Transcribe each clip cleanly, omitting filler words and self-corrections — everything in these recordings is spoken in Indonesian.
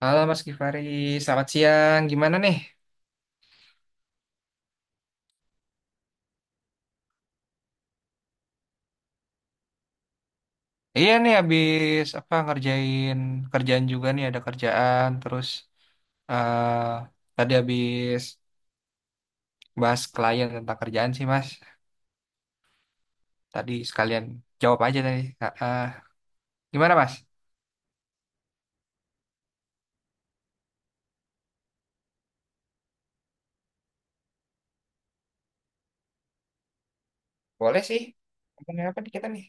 Halo Mas Gifari, selamat siang. Gimana nih? Iya nih, habis apa ngerjain kerjaan juga nih, ada kerjaan. Terus eh tadi habis bahas klien tentang kerjaan sih, Mas. Tadi sekalian jawab aja tadi. Ah. Gimana Mas? Boleh sih. Ngomongin apa nih kita nih?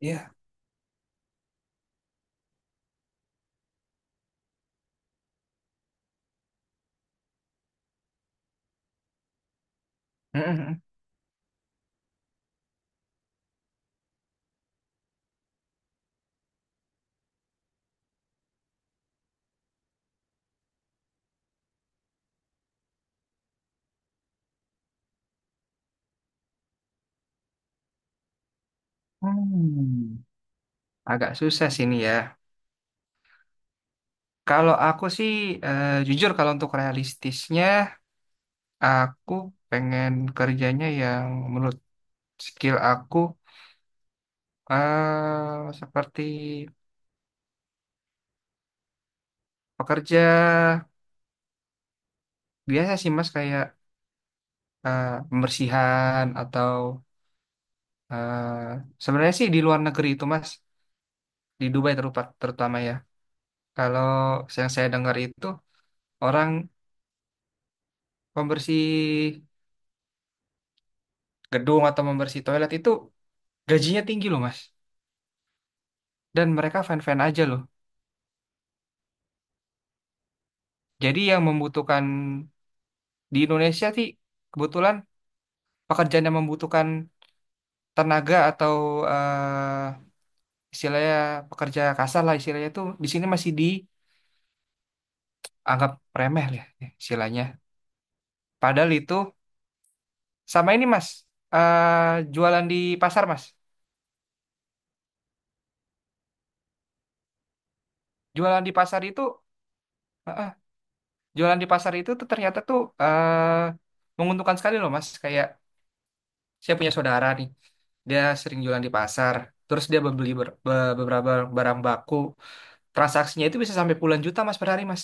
Iya. Mm-mm. Hmm. Agak susah sih ini ya. Kalau aku sih jujur kalau untuk realistisnya, aku pengen kerjanya yang menurut skill aku seperti pekerja biasa sih Mas, kayak pembersihan atau eh, sebenarnya sih di luar negeri itu Mas, di Dubai terutama ya. Kalau yang saya dengar itu, orang pembersih gedung atau pembersih toilet itu gajinya tinggi loh Mas, dan mereka fan-fan aja loh. Jadi yang membutuhkan di Indonesia sih kebetulan pekerjaan yang membutuhkan tenaga atau eh, istilahnya pekerja kasar lah istilahnya, itu di sini masih dianggap remeh lah ya, istilahnya. Padahal itu sama ini Mas, jualan di pasar Mas. Jualan di pasar itu, eh, eh, jualan di pasar itu tuh ternyata tuh menguntungkan sekali loh Mas. Kayak saya punya saudara nih, dia sering jualan di pasar. Terus dia beli beberapa barang baku. Transaksinya itu bisa sampai puluhan juta Mas per hari Mas.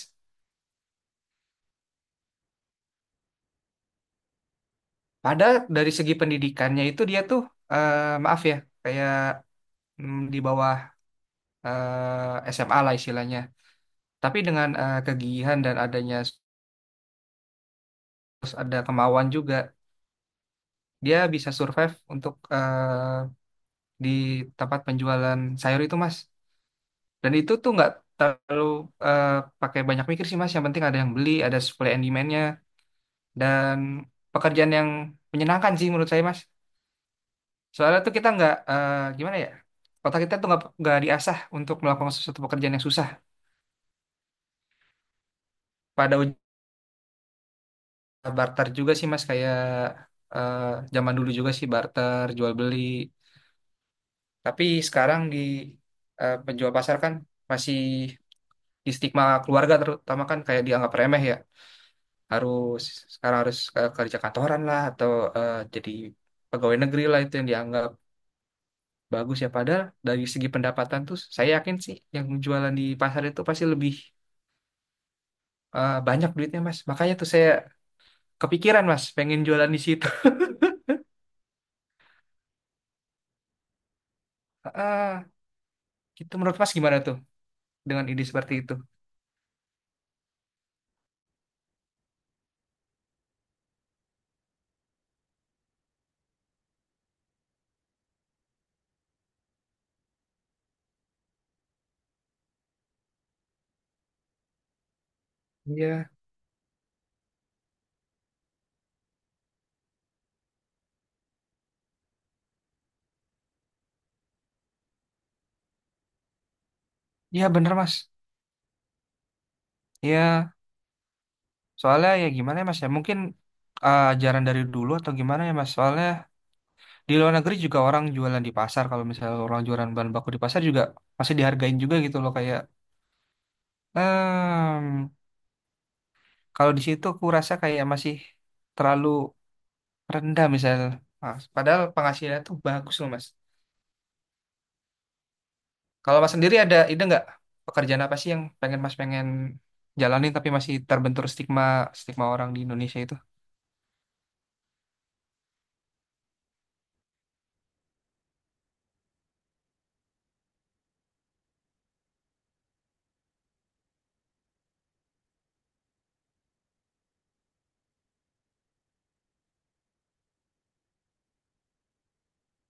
Padahal dari segi pendidikannya itu dia tuh eh maaf ya, kayak di bawah SMA lah istilahnya. Tapi dengan kegigihan dan adanya terus ada kemauan juga, dia bisa survive untuk di tempat penjualan sayur itu, Mas. Dan itu tuh nggak terlalu eh, pakai banyak mikir sih, Mas. Yang penting ada yang beli, ada supply and demand-nya, dan pekerjaan yang menyenangkan sih menurut saya, Mas. Soalnya tuh kita nggak gimana ya? Otak kita tuh nggak diasah untuk melakukan sesuatu pekerjaan yang susah. Pada barter juga sih Mas, kayak eh, zaman dulu juga sih barter jual beli. Tapi sekarang di penjual pasar kan masih di stigma keluarga terutama, kan kayak dianggap remeh ya. Harus Sekarang harus kerja kantoran lah, atau jadi pegawai negeri lah, itu yang dianggap bagus ya. Padahal dari segi pendapatan tuh saya yakin sih yang jualan di pasar itu pasti lebih banyak duitnya Mas. Makanya tuh saya kepikiran Mas pengen jualan di situ. Ah, Gitu menurut Mas gimana tuh, dengan ide seperti itu? Iya, iya bener mas. Iya, soalnya ya gimana ya mas ya, mungkin ajaran dari dulu atau gimana ya mas. Soalnya di luar negeri juga orang jualan di pasar, kalau misalnya orang jualan bahan baku di pasar juga masih dihargain juga gitu loh kayak. emm Kalau di situ aku rasa kayak masih terlalu rendah misalnya, Mas. Padahal penghasilannya tuh bagus loh mas. Kalau mas sendiri ada ide nggak pekerjaan apa sih yang pengen mas pengen jalanin tapi masih terbentur stigma stigma orang di Indonesia itu?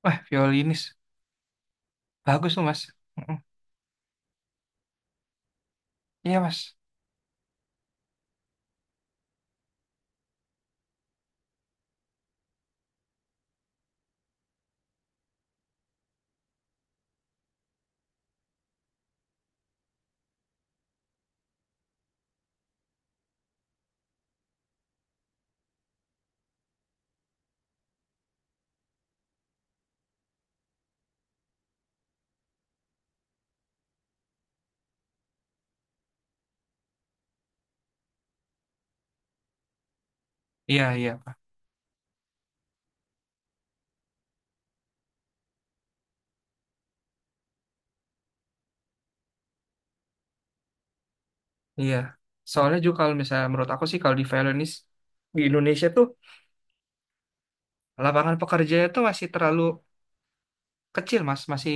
Wah, violinis. Bagus tuh, Mas. Mm-mm. Iya, Mas. Iya, iya. Iya. Soalnya juga kalau misalnya menurut aku sih, kalau di violinis di Indonesia tuh lapangan pekerjaannya tuh masih terlalu kecil, Mas. Masih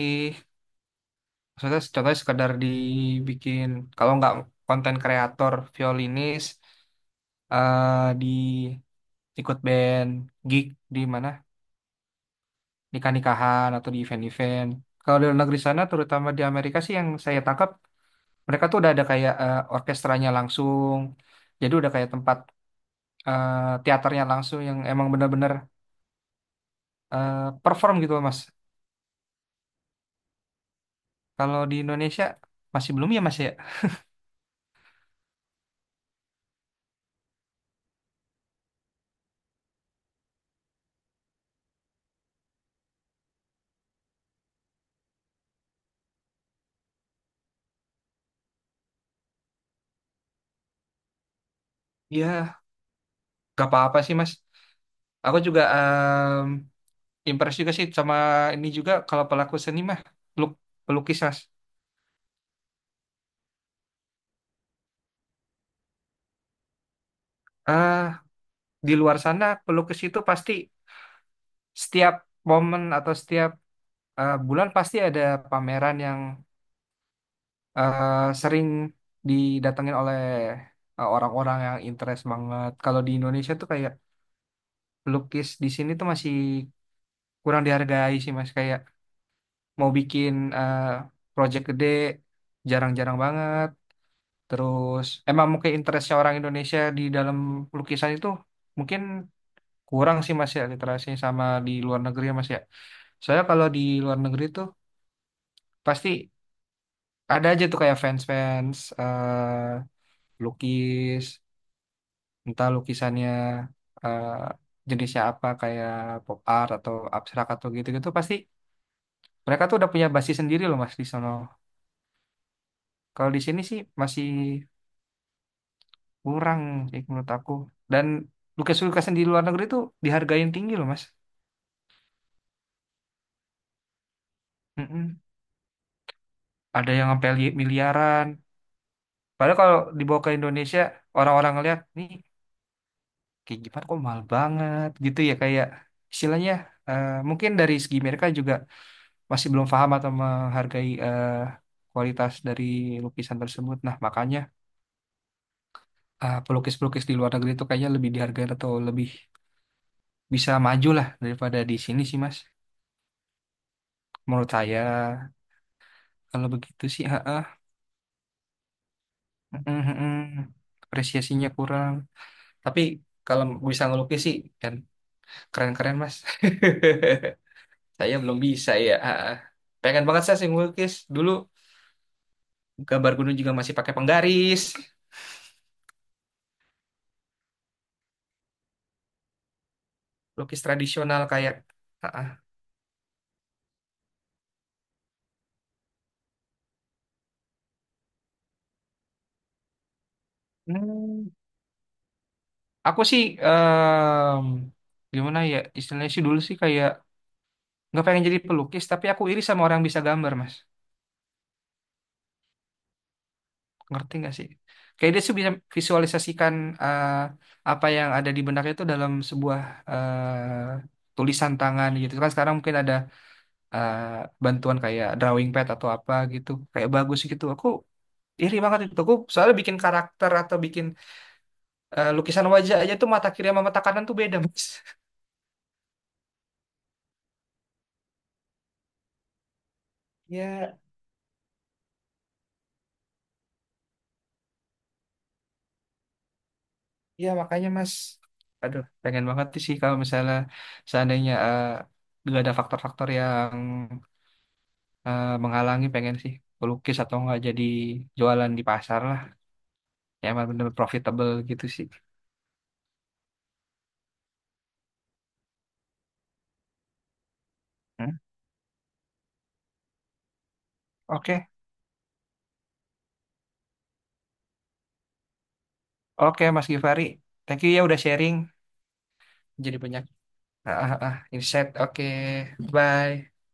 maksudnya contohnya sekedar dibikin kalau nggak konten kreator violinis di ikut band, gig di mana, nikah-nikahan atau di event-event. Kalau di luar negeri sana, terutama di Amerika sih yang saya tangkap, mereka tuh udah ada kayak orkestranya langsung. Jadi udah kayak tempat eh, teaternya langsung, yang emang bener-bener eh, perform gitu Mas. Kalau di Indonesia masih belum ya Mas ya? Ya, gak apa-apa sih Mas. Aku juga impress juga sih sama ini juga, kalau pelaku seni mah peluk- pelukis Mas. Ah, di luar sana pelukis itu pasti setiap momen atau setiap bulan pasti ada pameran yang eh, sering didatengin oleh orang-orang yang interest banget. Kalau di Indonesia tuh kayak pelukis di sini tuh masih kurang dihargai sih Mas. Kayak mau bikin eh, project gede jarang-jarang banget. Terus emang mungkin interestnya orang Indonesia di dalam lukisan itu mungkin kurang sih Mas ya, literasinya sama di luar negeri ya Mas ya. Soalnya kalau di luar negeri tuh pasti ada aja tuh kayak fans-fans lukis, entah lukisannya eh, jenisnya apa, kayak pop art atau abstrak atau gitu-gitu, pasti mereka tuh udah punya basis sendiri loh mas di sono. Kalau di sini sih masih kurang sih menurut aku, dan lukisan-lukisan di luar negeri tuh dihargain tinggi loh mas. Mm-mm. Ada yang sampai miliaran, padahal kalau dibawa ke Indonesia orang-orang ngeliat nih kayak gimana kok mahal banget gitu ya, kayak istilahnya mungkin dari segi mereka juga masih belum paham atau menghargai kualitas dari lukisan tersebut. Nah, makanya pelukis-pelukis di luar negeri itu kayaknya lebih dihargai atau lebih bisa maju lah daripada di sini sih, Mas. Menurut saya, kalau begitu sih, heeh. Mm, mm, mm. Apresiasinya kurang. Tapi kalau bisa ngelukis sih, kan keren-keren, Mas. Saya belum bisa ya, heeh. Pengen banget saya sih ngelukis. Dulu gambar gunung juga masih pakai penggaris. Lukis tradisional kayak Ah, ah. hmm Aku sih gimana ya istilahnya sih, dulu sih kayak nggak pengen jadi pelukis tapi aku iri sama orang yang bisa gambar mas, ngerti nggak sih, kayak dia tuh bisa visualisasikan eh, apa yang ada di benaknya itu dalam sebuah tulisan tangan gitu kan. Sekarang mungkin ada eh, bantuan kayak drawing pad atau apa gitu, kayak bagus gitu. Aku iri banget itu aku, soalnya bikin karakter atau bikin lukisan wajah aja tuh mata kiri sama mata kanan tuh beda mas. Ya, iya makanya Mas, aduh pengen banget sih kalau misalnya seandainya nggak ada faktor-faktor yang menghalangi, pengen sih pelukis atau nggak jadi jualan di pasar lah, yang emang bener profitable gitu sih. Hmm? Oke. Oke Mas Givari, thank you ya udah sharing, jadi banyak insight. Oke, bye.